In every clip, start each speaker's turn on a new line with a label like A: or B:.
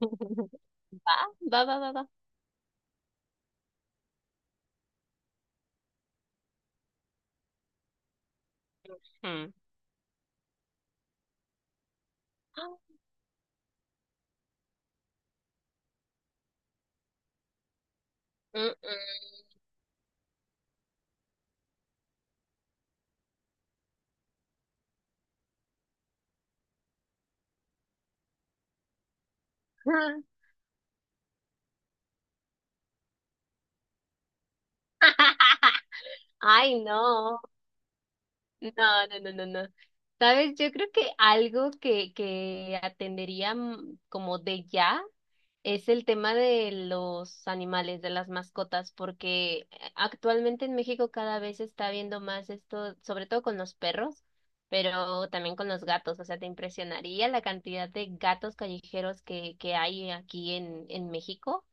A: Va, va, va, va, va. Hmm. Mm, mm. Ay, no. No, no, no, no, no. Sabes, yo creo que algo que atendería como de ya es el tema de los animales, de las mascotas, porque actualmente en México cada vez se está viendo más esto, sobre todo con los perros, pero también con los gatos. O sea, te impresionaría la cantidad de gatos callejeros que hay aquí en México.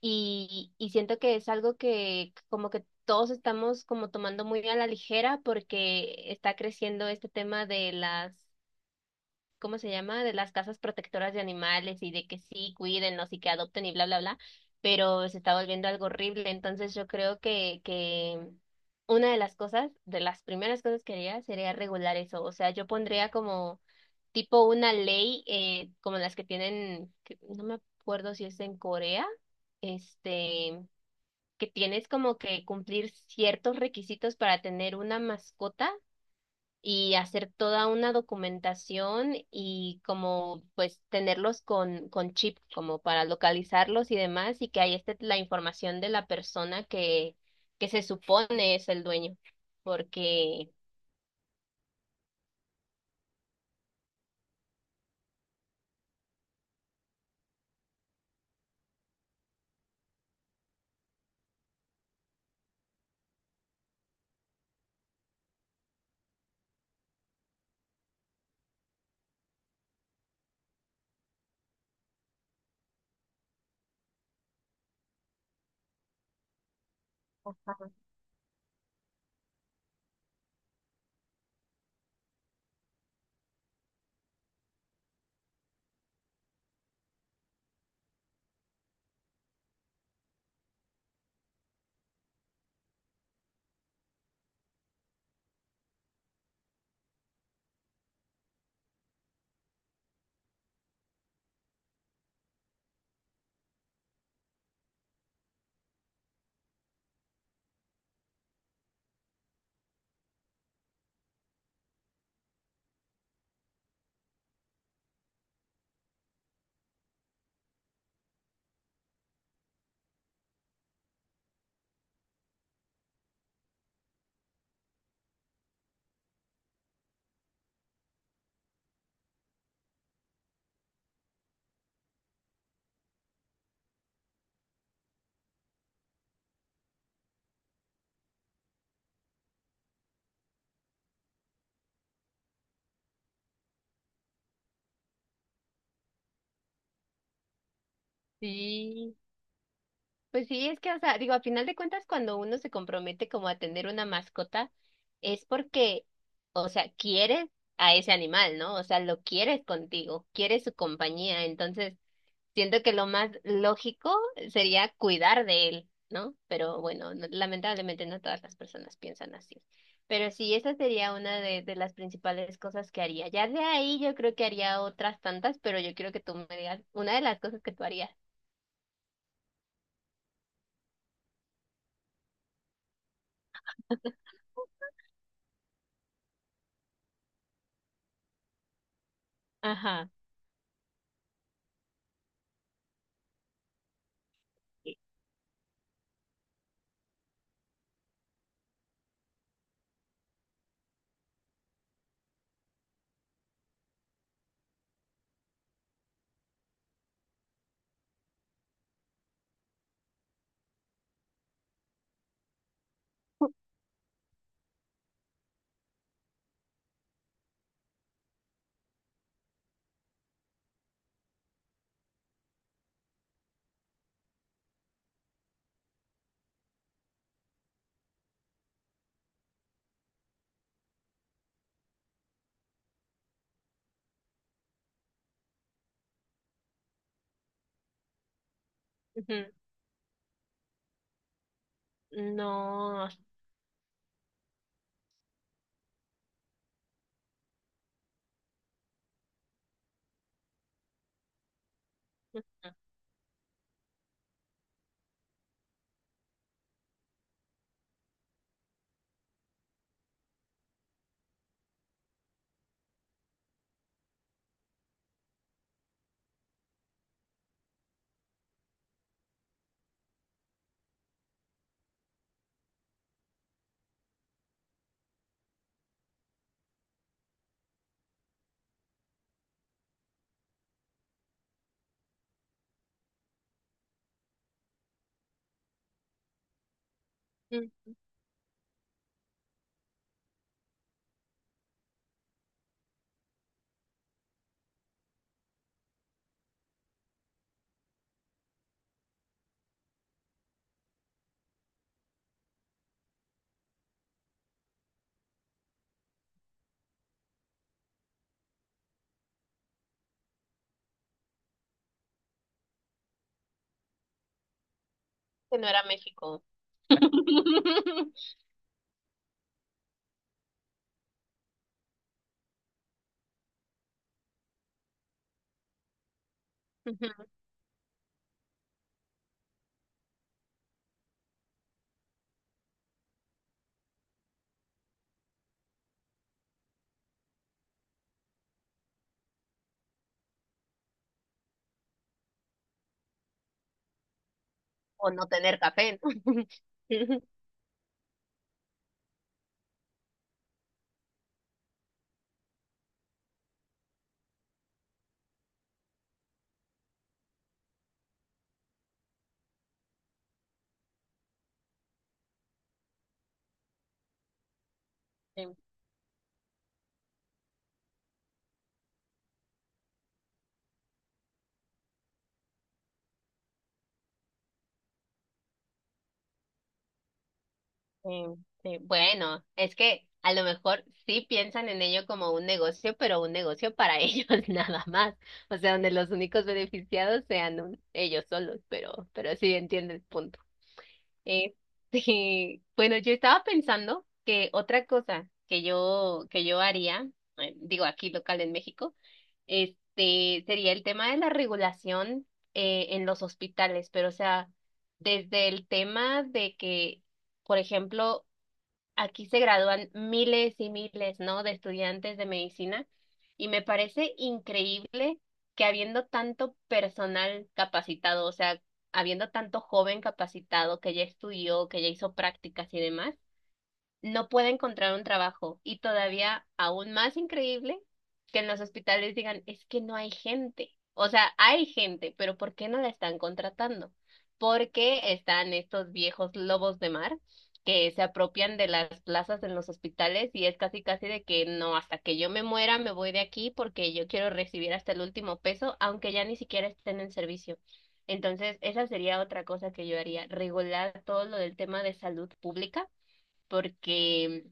A: Y siento que es algo que como que todos estamos como tomando muy a la ligera porque está creciendo este tema de las ¿cómo se llama? De las casas protectoras de animales y de que sí, cuídenlos y que adopten y bla, bla, bla, pero se está volviendo algo horrible. Entonces yo creo que una de las cosas, de las primeras cosas que haría sería regular eso. O sea, yo pondría como tipo una ley como las que tienen, que no me acuerdo si es en Corea, este, que tienes como que cumplir ciertos requisitos para tener una mascota y hacer toda una documentación y como pues tenerlos con chip, como para localizarlos y demás, y que ahí esté la información de la persona que se supone es el dueño. Porque sí, pues sí, es que, o sea, digo, a final de cuentas, cuando uno se compromete como a tener una mascota, es porque, o sea, quieres a ese animal, ¿no? O sea, lo quieres contigo, quieres su compañía, entonces siento que lo más lógico sería cuidar de él, ¿no? Pero bueno, no- lamentablemente no todas las personas piensan así. Pero sí, esa sería una de las principales cosas que haría. Ya de ahí yo creo que haría otras tantas, pero yo quiero que tú me digas una de las cosas que tú harías. Ajá. Sí. Ujú. No. Ujú. Mm. Que no era México. Ujú. O no tener café, ¿no? Sí. Sí, sí. Bueno, es que a lo mejor sí piensan en ello como un negocio, pero un negocio para ellos nada más. O sea, donde los únicos beneficiados sean un- ellos solos, pero sí entiendo el punto. Eh, sí. Bueno, yo estaba pensando que otra cosa que yo haría, digo aquí local en México, este sería el tema de la regulación en los hospitales, pero o sea, desde el tema de que, por ejemplo, aquí se gradúan miles y miles, ¿no? de estudiantes de medicina y me parece increíble que habiendo tanto personal capacitado, o sea, habiendo tanto joven capacitado que ya estudió, que ya hizo prácticas y demás, no puede encontrar un trabajo. Y todavía aún más increíble que en los hospitales digan, es que no hay gente. O sea, hay gente, pero ¿por qué no la están contratando? Porque están estos viejos lobos de mar que se apropian de las plazas en los hospitales y es casi casi de que no, hasta que yo me muera me voy de aquí porque yo quiero recibir hasta el último peso, aunque ya ni siquiera estén en servicio. Entonces, esa sería otra cosa que yo haría, regular todo lo del tema de salud pública porque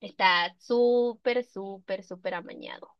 A: está súper, súper, súper amañado.